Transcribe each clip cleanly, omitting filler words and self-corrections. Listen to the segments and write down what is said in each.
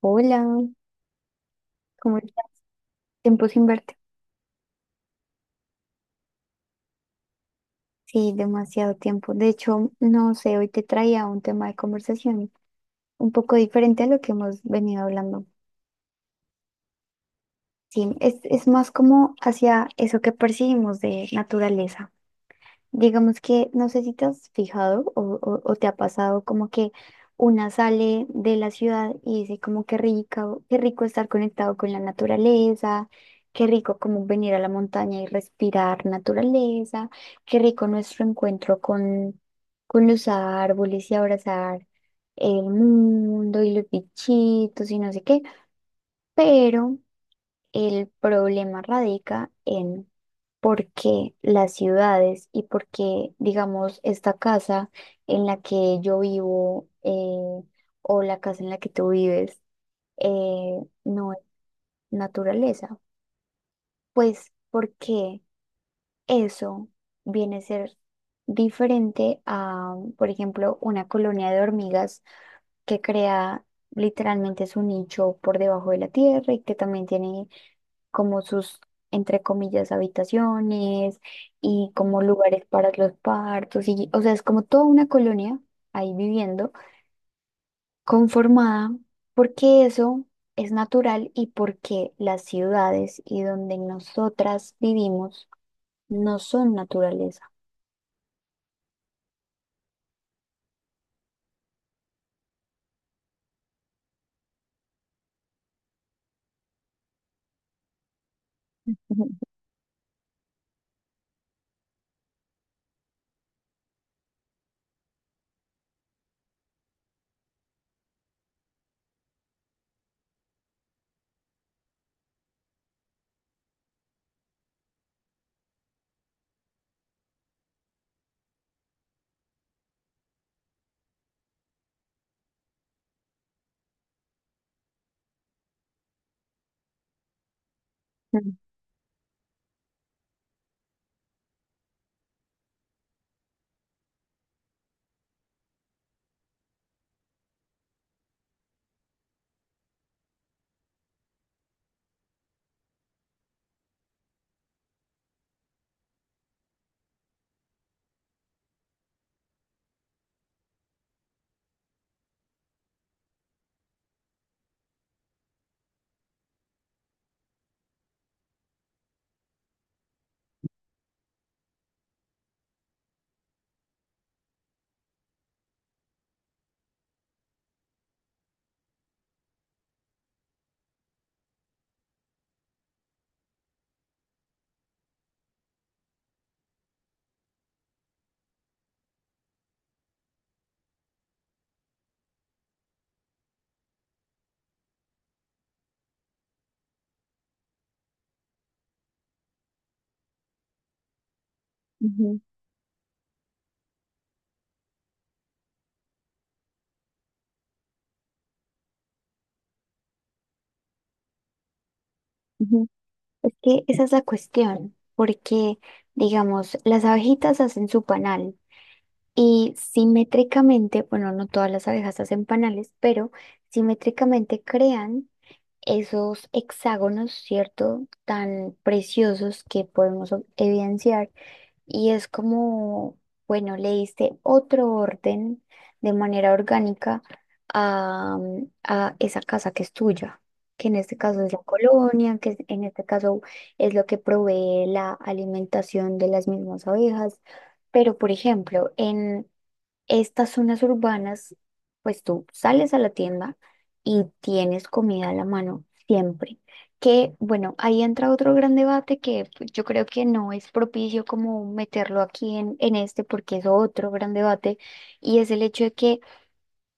Hola, ¿cómo estás? Tiempo sin verte. Sí, demasiado tiempo. De hecho, no sé, hoy te traía un tema de conversación un poco diferente a lo que hemos venido hablando. Sí, es más como hacia eso que percibimos de naturaleza. Digamos que no sé si te has fijado o te ha pasado como que una sale de la ciudad y dice como qué rico estar conectado con la naturaleza, qué rico como venir a la montaña y respirar naturaleza, qué rico nuestro encuentro con los árboles y abrazar el mundo y los bichitos y no sé qué, pero... El problema radica en por qué las ciudades y por qué, digamos, esta casa en la que yo vivo, o la casa en la que tú vives eh, no es naturaleza. Pues porque eso viene a ser diferente a, por ejemplo, una colonia de hormigas que crea literalmente su nicho por debajo de la tierra y que también tiene como sus, entre comillas, habitaciones y como lugares para los partos. Y, o sea, es como toda una colonia ahí viviendo, conformada, porque eso es natural y porque las ciudades y donde nosotras vivimos no son naturaleza. Ujú, ujú, ujú, ujú. Es que esa es la cuestión, porque, digamos, las abejitas hacen su panal. Y simétricamente, bueno, no todas las abejas hacen panales, pero simétricamente crean esos hexágonos, ¿cierto? Tan preciosos que podemos evidenciar. Y es como, bueno, le diste otro orden de manera orgánica a, a esa casa que es tuya, que en este caso es la colonia, en este caso es lo que provee la alimentación de las mismas abejas. Pero, por ejemplo, en estas zonas urbanas, pues tú sales a la tienda y tienes comida a la mano siempre. Que bueno, ahí entra otro gran debate que pues, yo creo que no es propicio como meterlo aquí en este, porque es otro gran debate, y es el hecho de que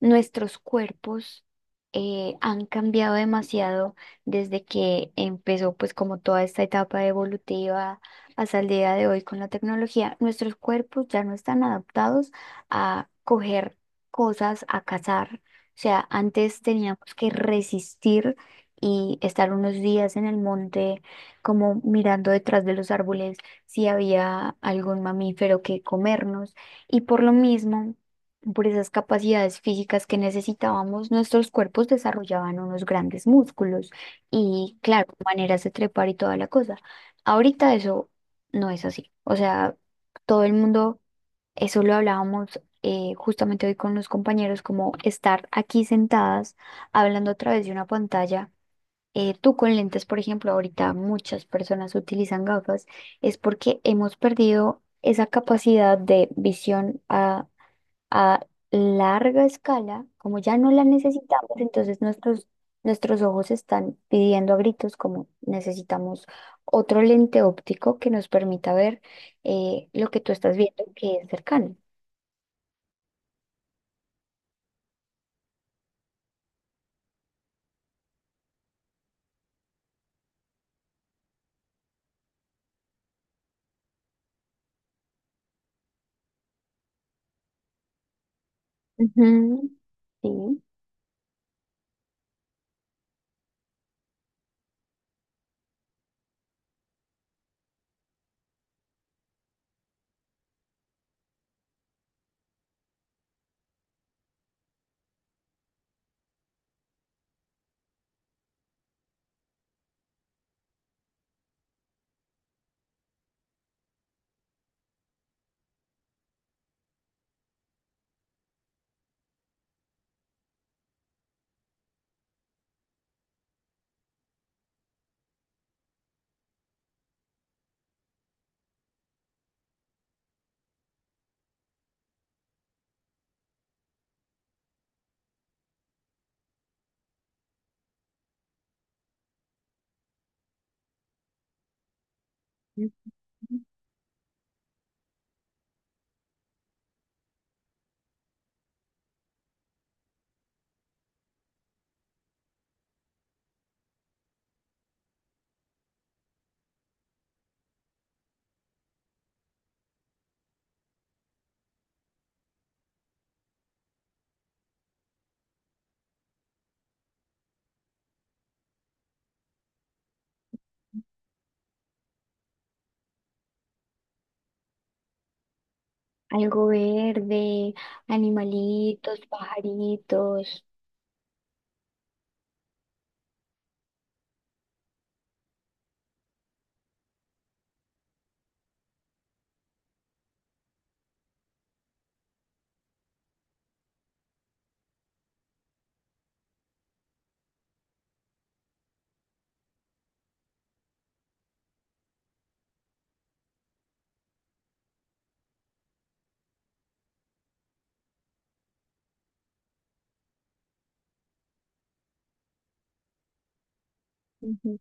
nuestros cuerpos han cambiado demasiado desde que empezó pues como toda esta etapa evolutiva hasta el día de hoy con la tecnología. Nuestros cuerpos ya no están adaptados a coger cosas, a cazar. O sea, antes teníamos que resistir y estar unos días en el monte como mirando detrás de los árboles si había algún mamífero que comernos. Y por lo mismo... Por esas capacidades físicas que necesitábamos, nuestros cuerpos desarrollaban unos grandes músculos y, claro, maneras de trepar y toda la cosa. Ahorita eso no es así. O sea, todo el mundo, eso lo hablábamos justamente hoy con los compañeros, como estar aquí sentadas hablando a través de una pantalla. Tú con lentes, por ejemplo, ahorita muchas personas utilizan gafas, es porque hemos perdido esa capacidad de visión a larga escala, como ya no la necesitamos, entonces nuestros ojos están pidiendo a gritos como necesitamos otro lente óptico que nos permita ver lo que tú estás viendo que es cercano. Ujú. Sí. Ujú. Algo verde, animalitos, pajaritos, ujú,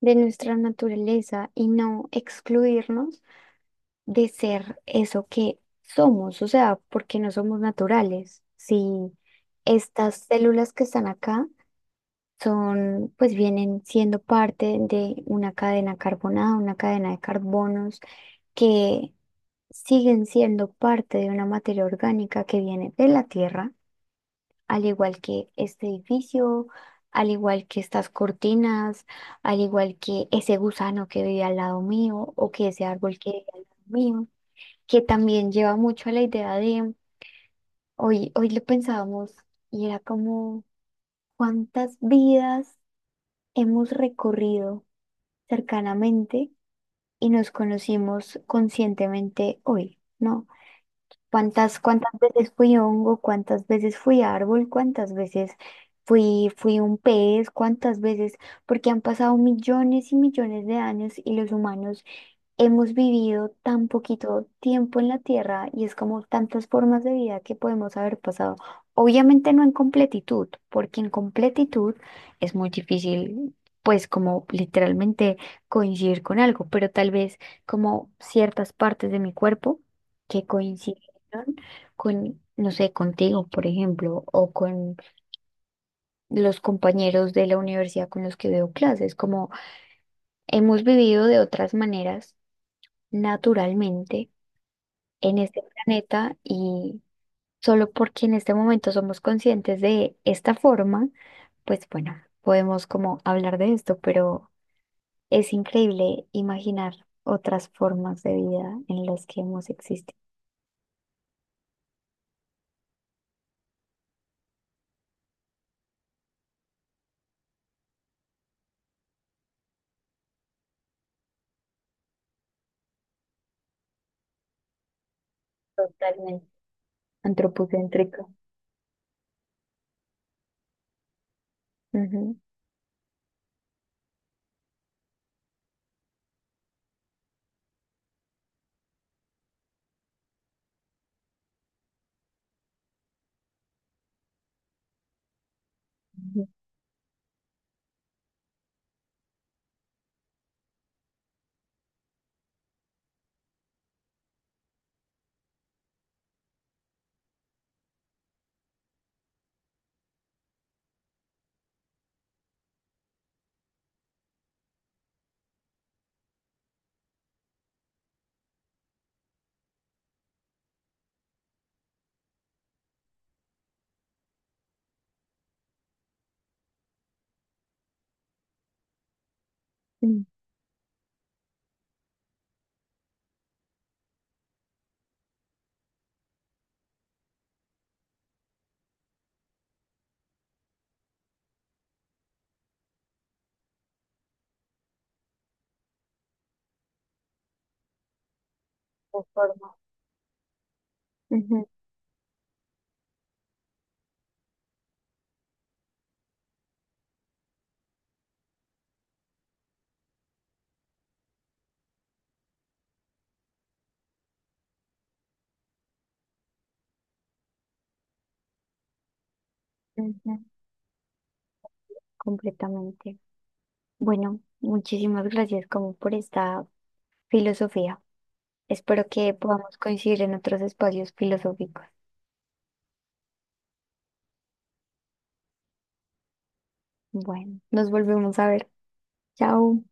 de nuestra naturaleza y no excluirnos de ser eso que somos, o sea, porque no somos naturales. Si estas células que están acá son, pues vienen siendo parte de una cadena carbonada, una cadena de carbonos que siguen siendo parte de una materia orgánica que viene de la tierra, al igual que este edificio, al igual que estas cortinas, al igual que ese gusano que vive al lado mío o que ese árbol que vive al lado mío, que también lleva mucho a la idea de, hoy lo pensábamos y era como cuántas vidas hemos recorrido cercanamente y nos conocimos conscientemente hoy, ¿no? ¿Cuántas veces fui hongo, cuántas veces fui árbol, cuántas veces fui un pez, cuántas veces, porque han pasado millones y millones de años y los humanos hemos vivido tan poquito tiempo en la Tierra y es como tantas formas de vida que podemos haber pasado. Obviamente no en completitud, porque en completitud es muy difícil, pues como literalmente coincidir con algo, pero tal vez como ciertas partes de mi cuerpo que coincidieron con, no sé, contigo, por ejemplo, o con los compañeros de la universidad con los que veo clases, como hemos vivido de otras maneras naturalmente en este planeta y solo porque en este momento somos conscientes de esta forma, pues bueno, podemos como hablar de esto, pero es increíble imaginar otras formas de vida en las que hemos existido. Totalmente. Antropocéntrico. Ujú. Ujú. Mm. O forma. Ujú, ujú. Completamente. Bueno, muchísimas gracias como por esta filosofía. Espero que podamos coincidir en otros espacios filosóficos. Bueno, nos volvemos a ver. Chao.